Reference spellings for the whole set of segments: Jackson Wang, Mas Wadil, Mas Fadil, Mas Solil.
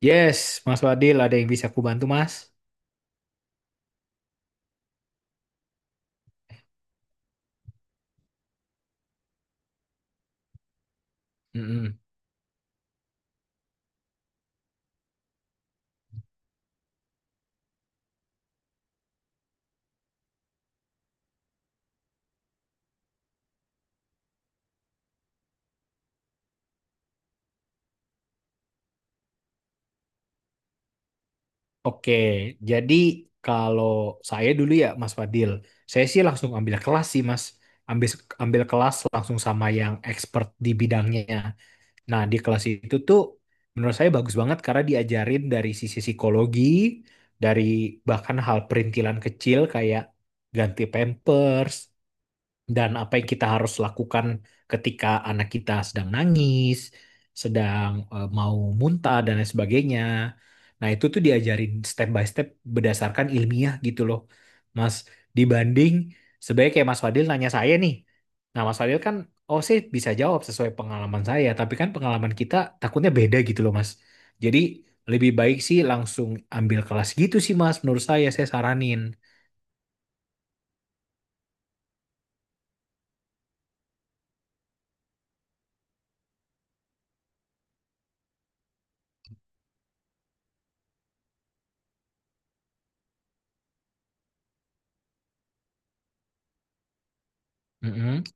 Yes, Mas Fadil, ada yang bisa aku bantu, Mas? Mm-mm. Oke, jadi kalau saya dulu ya, Mas Fadil, saya sih langsung ambil kelas sih, Mas. Ambil ambil kelas langsung sama yang expert di bidangnya. Nah, di kelas itu tuh menurut saya bagus banget karena diajarin dari sisi psikologi, dari bahkan hal perintilan kecil kayak ganti pampers, dan apa yang kita harus lakukan ketika anak kita sedang nangis, sedang mau muntah dan lain sebagainya. Nah, itu tuh diajarin step by step berdasarkan ilmiah gitu loh. Mas, dibanding sebaiknya kayak Mas Fadil nanya saya nih. Nah, Mas Fadil kan oh sih bisa jawab sesuai pengalaman saya, tapi kan pengalaman kita takutnya beda gitu loh, Mas. Jadi lebih baik sih langsung ambil kelas gitu sih, Mas. Menurut saya saranin. Mm-mm.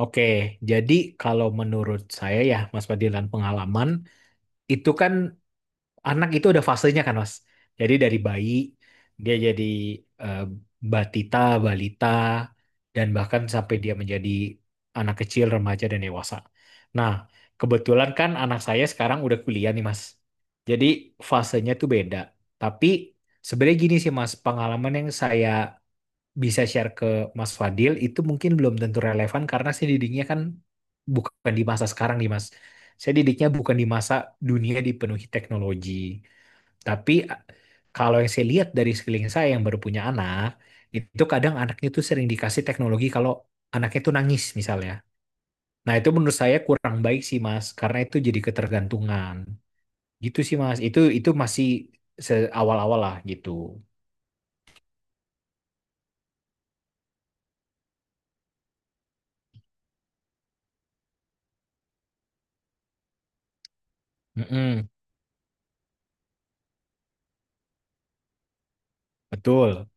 Oke, jadi kalau menurut saya ya, Mas Fadil dan pengalaman itu kan anak itu ada fasenya kan, Mas. Jadi dari bayi dia jadi eh, batita, balita, dan bahkan sampai dia menjadi anak kecil, remaja dan dewasa. Nah, kebetulan kan anak saya sekarang udah kuliah nih, Mas. Jadi fasenya tuh beda. Tapi sebenarnya gini sih, Mas, pengalaman yang saya bisa share ke Mas Fadil itu mungkin belum tentu relevan karena saya didiknya kan bukan di masa sekarang nih Mas. Saya didiknya bukan di masa dunia dipenuhi teknologi. Tapi a- Kalau yang saya lihat dari sekeliling saya yang baru punya anak, itu kadang anaknya tuh sering dikasih teknologi kalau anaknya tuh nangis misalnya. Nah, itu menurut saya kurang baik sih Mas karena itu jadi ketergantungan. Gitu sih Mas. Itu masih seawal-awal lah gitu. Mm-mm, betul.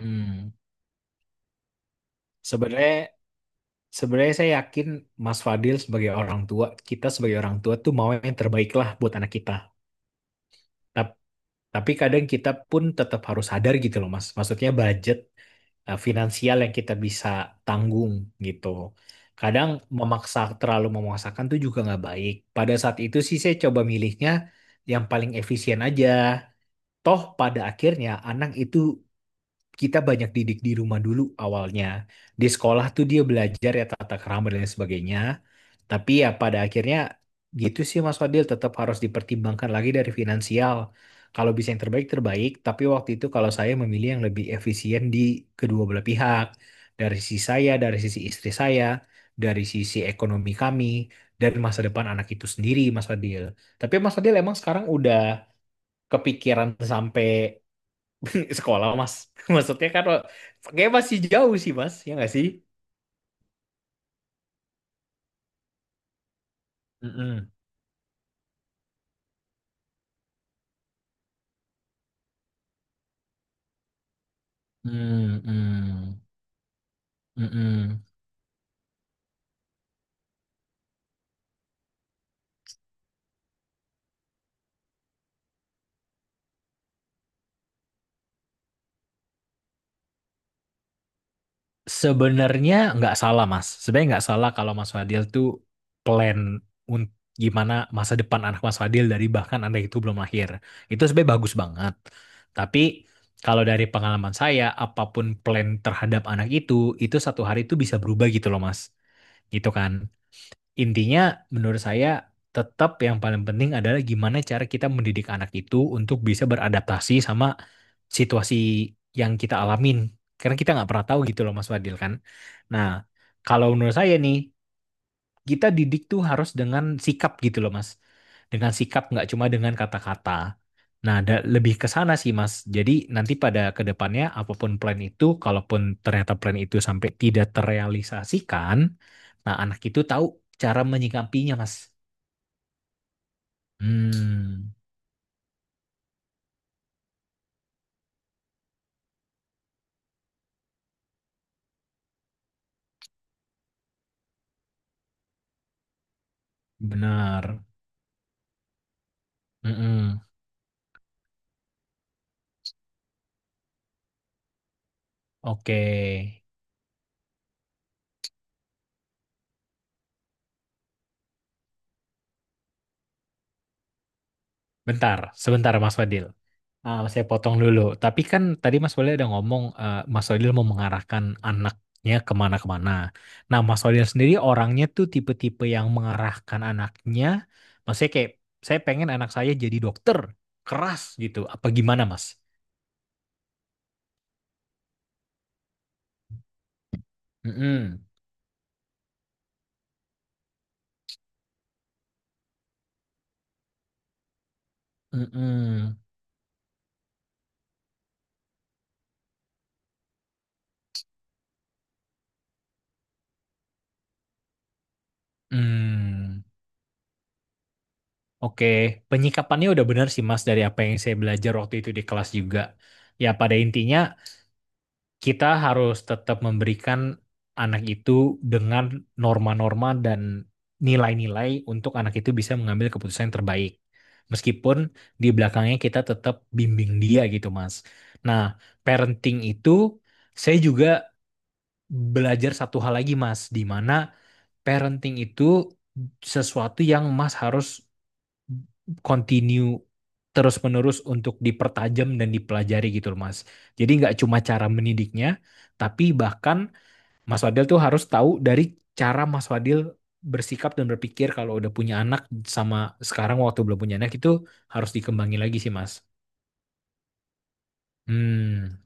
Hmm. Sebenarnya Sebenarnya saya yakin Mas Fadil sebagai orang tua, kita sebagai orang tua tuh mau yang terbaik lah buat anak kita. Tap- Tapi kadang kita pun tetap harus sadar gitu loh Mas. Maksudnya budget finansial yang kita bisa tanggung gitu. Kadang memaksa, terlalu memaksakan tuh juga nggak baik. Pada saat itu sih saya coba milihnya yang paling efisien aja. Toh pada akhirnya anak itu kita banyak didik di rumah dulu awalnya. Di sekolah tuh dia belajar ya tata kerama dan lain sebagainya. Tapi ya pada akhirnya gitu sih Mas Fadil tetap harus dipertimbangkan lagi dari finansial. Kalau bisa yang terbaik terbaik, tapi waktu itu kalau saya memilih yang lebih efisien di kedua belah pihak. Dari sisi saya, dari sisi istri saya, dari sisi ekonomi kami, dari masa depan anak itu sendiri Mas Fadil. Tapi Mas Fadil emang sekarang udah kepikiran sampai sekolah Mas. Maksudnya kan kayak masih jauh sih Mas, ya nggak sih? Mm-mm. Mm-mm. Mm-mm. Sebenarnya nggak salah Mas. Sebenarnya nggak salah kalau Mas Fadil tuh plan untuk gimana masa depan anak Mas Fadil dari bahkan anak itu belum lahir. Itu sebenarnya bagus banget. Tapi kalau dari pengalaman saya, apapun plan terhadap anak itu satu hari itu bisa berubah gitu loh Mas. Gitu kan. Intinya menurut saya tetap yang paling penting adalah gimana cara kita mendidik anak itu untuk bisa beradaptasi sama situasi yang kita alamin. Karena kita nggak pernah tahu gitu loh Mas Fadil kan. Nah, kalau menurut saya nih kita didik tuh harus dengan sikap gitu loh Mas. Dengan sikap nggak cuma dengan kata-kata. Nah, ada lebih ke sana sih Mas. Jadi nanti pada kedepannya apapun plan itu, kalaupun ternyata plan itu sampai tidak terrealisasikan, nah anak itu tahu cara menyikapinya Mas. Hmm, benar. Mm-mm. Oke, bentar, sebentar Mas Fadil. Ah, saya potong dulu. Tapi kan tadi Mas Solil ada ngomong Mas Solil mau mengarahkan anaknya kemana-kemana. Nah, Mas Solil sendiri orangnya tuh tipe-tipe yang mengarahkan anaknya. Maksudnya kayak saya pengen anak saya jadi dokter keras gitu. Apa gimana, Mas? Mm-mm. Mm-mm. Hmm. Oke, penyikapannya udah benar sih Mas dari apa yang saya belajar waktu itu di kelas juga. Ya pada intinya kita harus tetap memberikan anak itu dengan norma-norma dan nilai-nilai untuk anak itu bisa mengambil keputusan yang terbaik. Meskipun di belakangnya kita tetap bimbing dia gitu, Mas. Nah, parenting itu saya juga belajar satu hal lagi, Mas, di mana parenting itu sesuatu yang Mas harus continue terus-menerus untuk dipertajam dan dipelajari gitu loh Mas. Jadi nggak cuma cara mendidiknya, tapi bahkan Mas Wadil tuh harus tahu dari cara Mas Wadil bersikap dan berpikir kalau udah punya anak sama sekarang waktu belum punya anak itu harus dikembangin lagi sih Mas. Hmm,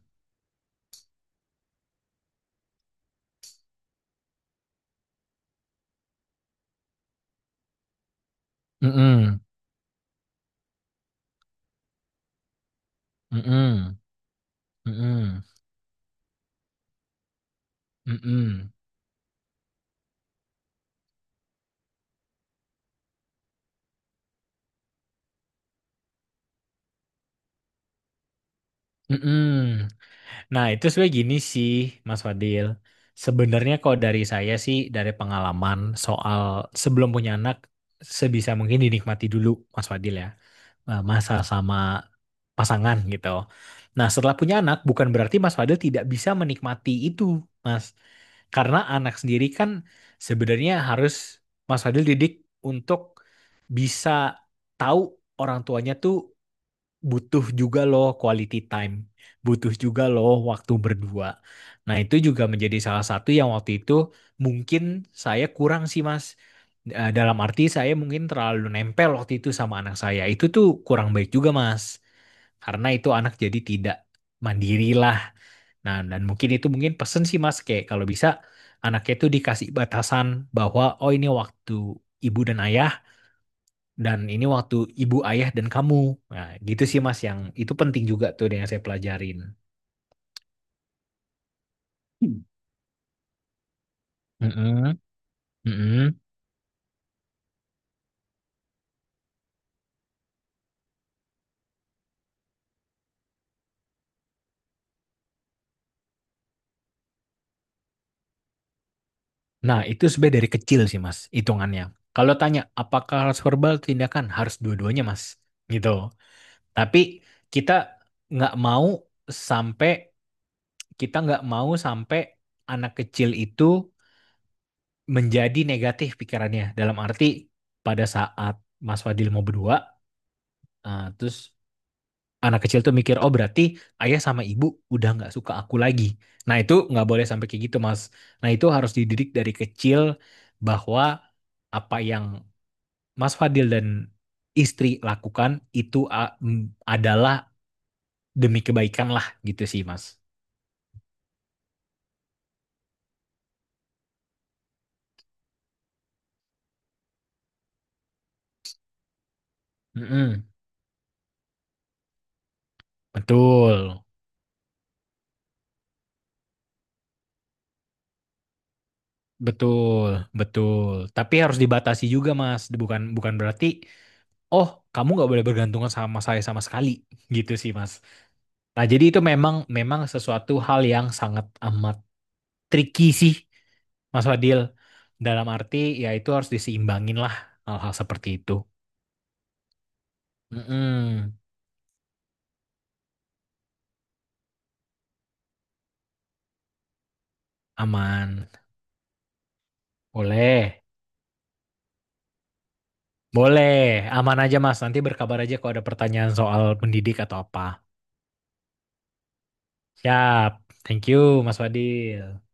mm-mm, mm-mm, mm-mm, mm-mm, mm-mm, mm-mm. Nah, itu sebenarnya gini sih, Mas Fadil. Sebenarnya kalau dari saya sih, dari pengalaman soal sebelum punya anak, sebisa mungkin dinikmati dulu, Mas Fadil ya. Masa sama pasangan gitu. Nah, setelah punya anak, bukan berarti Mas Fadil tidak bisa menikmati itu, Mas. Karena anak sendiri kan sebenarnya harus Mas Fadil didik untuk bisa tahu orang tuanya tuh butuh juga loh quality time, butuh juga loh waktu berdua. Nah, itu juga menjadi salah satu yang waktu itu mungkin saya kurang sih, Mas. Dalam arti saya mungkin terlalu nempel waktu itu sama anak saya. Itu tuh kurang baik juga, Mas. Karena itu anak jadi tidak mandiri lah. Nah, dan mungkin itu mungkin pesen sih, Mas, kayak kalau bisa anaknya itu dikasih batasan bahwa oh ini waktu ibu dan ayah dan ini waktu ibu ayah dan kamu nah gitu sih mas yang itu penting juga tuh yang saya pelajarin. Hmm. Mm-mm, mm-mm. Nah, itu sebenarnya dari kecil sih, Mas, hitungannya. Kalau tanya apakah harus verbal tindakan, harus dua-duanya, Mas. Gitu. Tapi kita nggak mau sampai kita nggak mau sampai anak kecil itu menjadi negatif pikirannya. Dalam arti pada saat Mas Fadil mau berdua, terus anak kecil tuh mikir, oh berarti ayah sama ibu udah nggak suka aku lagi. Nah itu nggak boleh sampai kayak gitu Mas. Nah itu harus dididik dari kecil bahwa apa yang Mas Fadil dan istri lakukan itu adalah demi kebaikan lah gitu sih Mas. Mm-mm. Betul, betul, betul. Tapi harus dibatasi juga Mas. Bukan bukan berarti, oh kamu nggak boleh bergantungan sama saya sama sekali gitu sih Mas. Nah, jadi itu memang memang sesuatu hal yang sangat amat tricky sih, Mas Fadil. Dalam arti ya itu harus diseimbangin lah hal-hal seperti itu. Mm-mm, aman. Boleh. Boleh. Aman aja, Mas. Nanti berkabar aja kalau ada pertanyaan soal pendidik atau apa. Siap. Thank you, Mas Fadil.